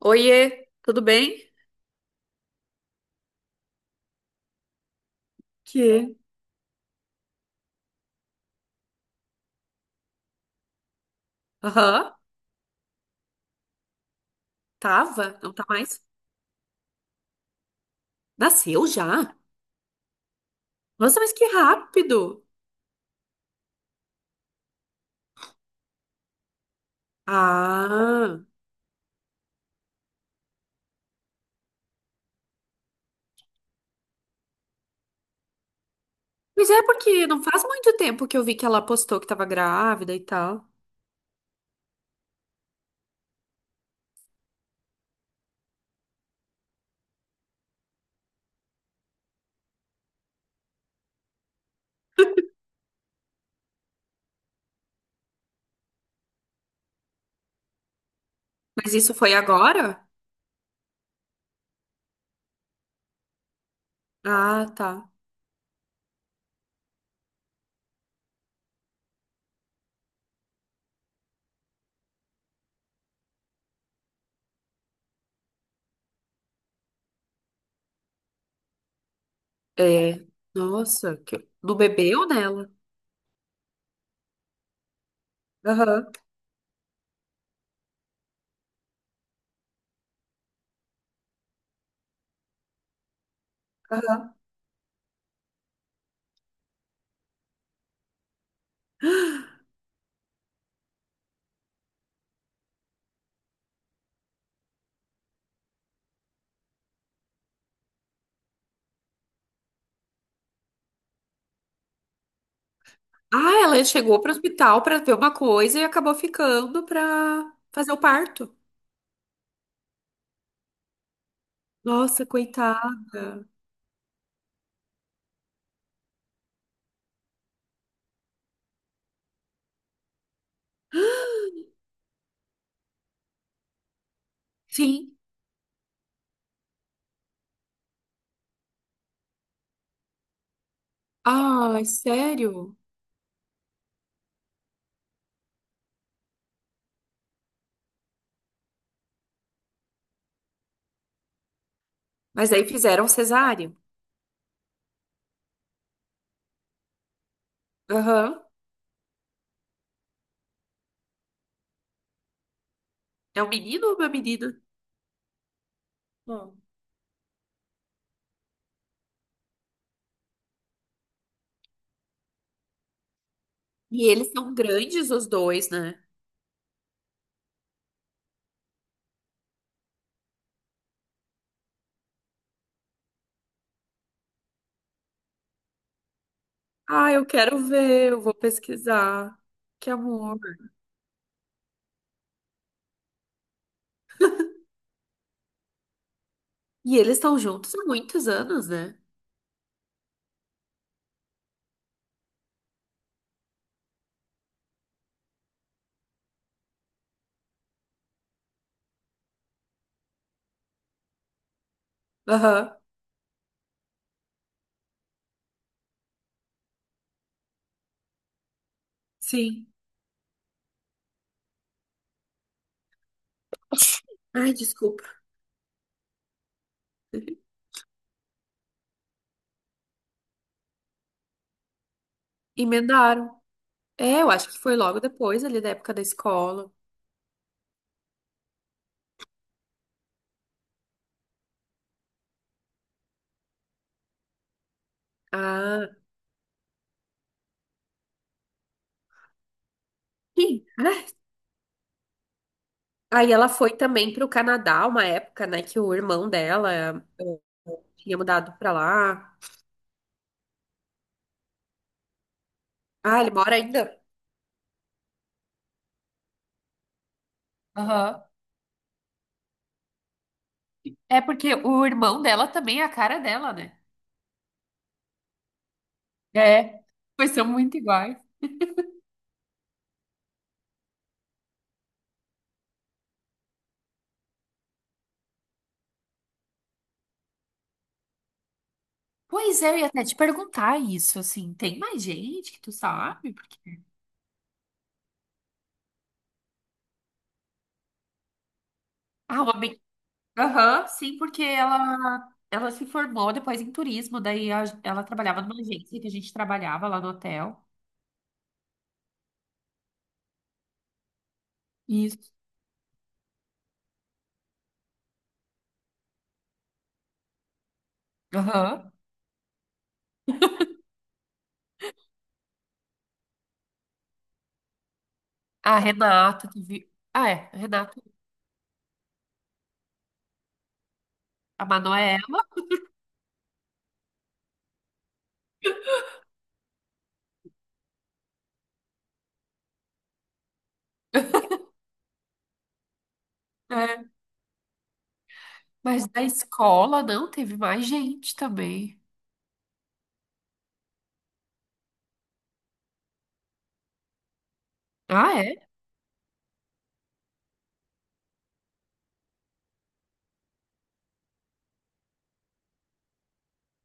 Oiê, tudo bem? Que? Aham, tava, não tá mais. Nasceu já? Nossa, mas que rápido! Ah, mas é porque não faz muito tempo que eu vi que ela postou que tava grávida e tal. Mas isso foi agora? Ah, tá. É, nossa, que... Do bebê ou dela? Aham. Ah, ela chegou pro hospital pra ver uma coisa e acabou ficando pra fazer o parto. Nossa, coitada. Sim. Ai, sério? Mas aí fizeram cesáreo. Aham. É um menino ou uma menina? Bom, e eles são grandes, os dois, né? Ah, eu quero ver, eu vou pesquisar. Que amor. E eles estão juntos há muitos anos, né? Aham, sim. Ai, desculpa. Emendaram. É, eu acho que foi logo depois ali da época da escola. Ah, sim. Ah, aí ela foi também pro Canadá, uma época, né, que o irmão dela tinha mudado pra lá. Ah, ele mora ainda? Aham. É porque o irmão dela também é a cara dela, né? É. Pois são muito iguais. Pois é, eu ia até te perguntar isso, assim, tem mais gente que tu sabe? Porque... Ah, uma bem... Aham, sim, porque ela se formou depois em turismo, daí ela trabalhava numa agência que a gente trabalhava lá no hotel. Isso. Aham. A Renata teve... Ah, é, a Renata, a Manoela, né? Mas da escola, não, teve mais gente também. Ah, é?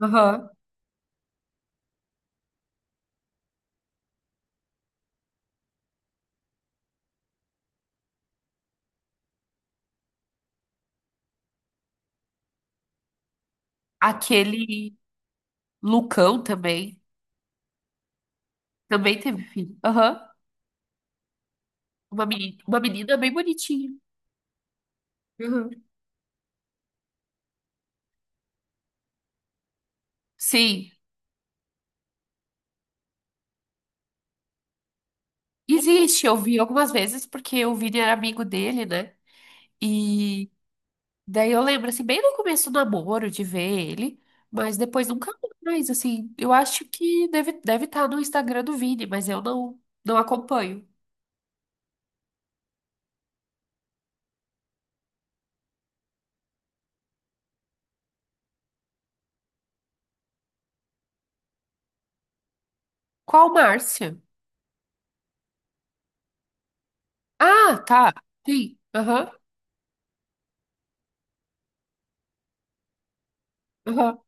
Aham. Aquele. Lucão também. Também teve filho. Aham. Uma menina bem bonitinha. Uhum. Sim. Existe, eu vi algumas vezes, porque o Vini era amigo dele, né? E daí eu lembro, assim, bem no começo do namoro, de ver ele, mas depois nunca mais, assim. Eu acho que deve, deve estar no Instagram do Vini, mas eu não acompanho. Qual Márcia? Ah, tá. Sim. Aham. Aham.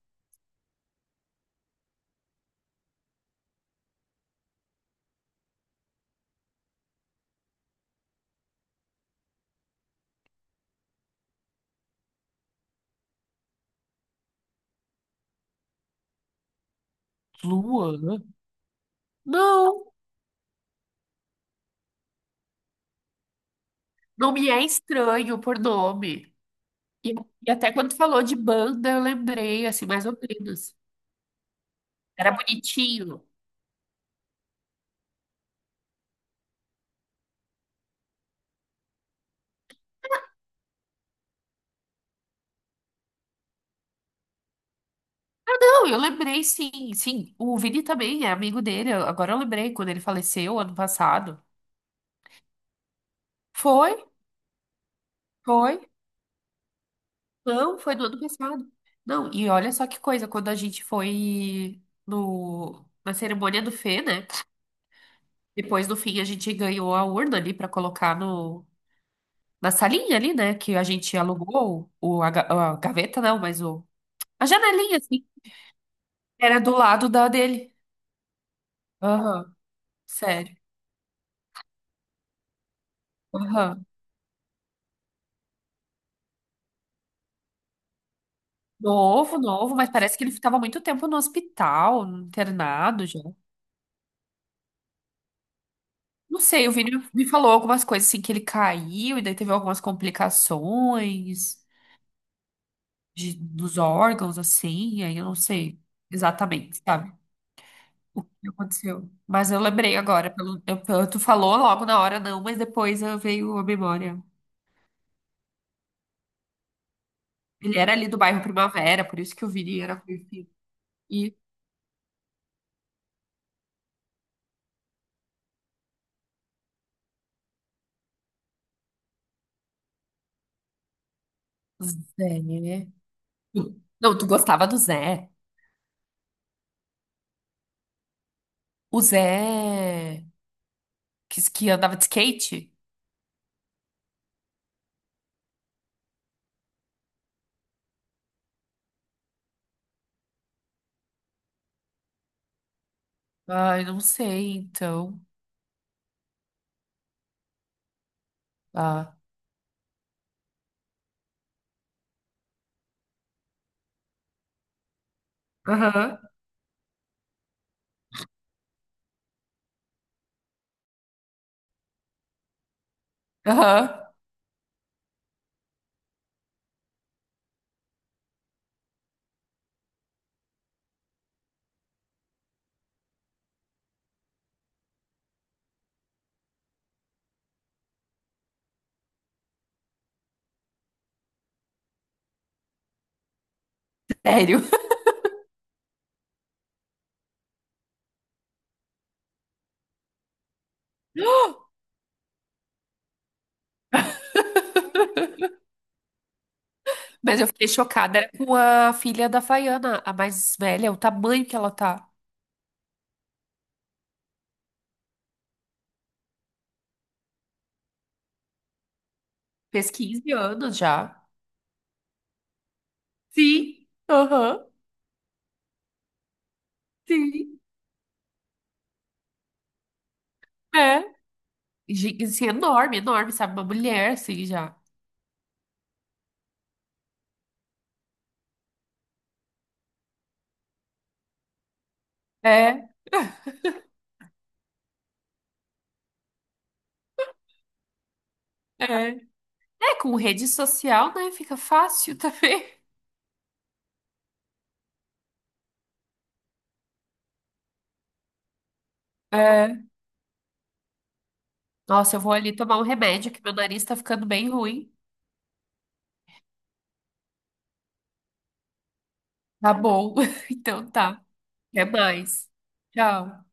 Luana? Não, não me é estranho por nome. E, e até quando falou de banda, eu lembrei, assim, mais ou menos. Era bonitinho. Não, eu lembrei, sim, sim. O Vini também é amigo dele. Agora eu lembrei quando ele faleceu ano passado. Foi, foi. Não, foi no ano passado. Não, e olha só que coisa, quando a gente foi no, na cerimônia do Fê, né? Depois, no fim, a gente ganhou a urna ali pra colocar no, na salinha ali, né? Que a gente alugou a gaveta, não, mas a janelinha, assim. Era do lado da dele. Aham, sério. Aham. Novo, novo, mas parece que ele ficava muito tempo no hospital, internado já. Não sei, o Vini me falou algumas coisas assim que ele caiu e daí teve algumas complicações dos órgãos, assim, aí eu não sei exatamente, sabe? O que aconteceu. Mas eu lembrei agora, tu falou logo na hora, não, mas depois eu veio a memória. Ele era ali do bairro Primavera, por isso que o Vini era conhecido. E Zé, né? Não, tu gostava do Zé. O Zé que andava de skate? Ai, não sei, então. Ah. Aham. Aham, sério. Mas eu fiquei chocada. Era com a filha da Faiana, a mais velha, o tamanho que ela tá. Fez 15 anos já. Sim, aham. Sim. É. Gi- Assim, enorme, enorme, sabe? Uma mulher, assim, já. É, é. É, com rede social, né? Fica fácil também. É. Nossa, eu vou ali tomar um remédio, que meu nariz tá ficando bem ruim. Tá bom. Então tá. Até mais. Tchau.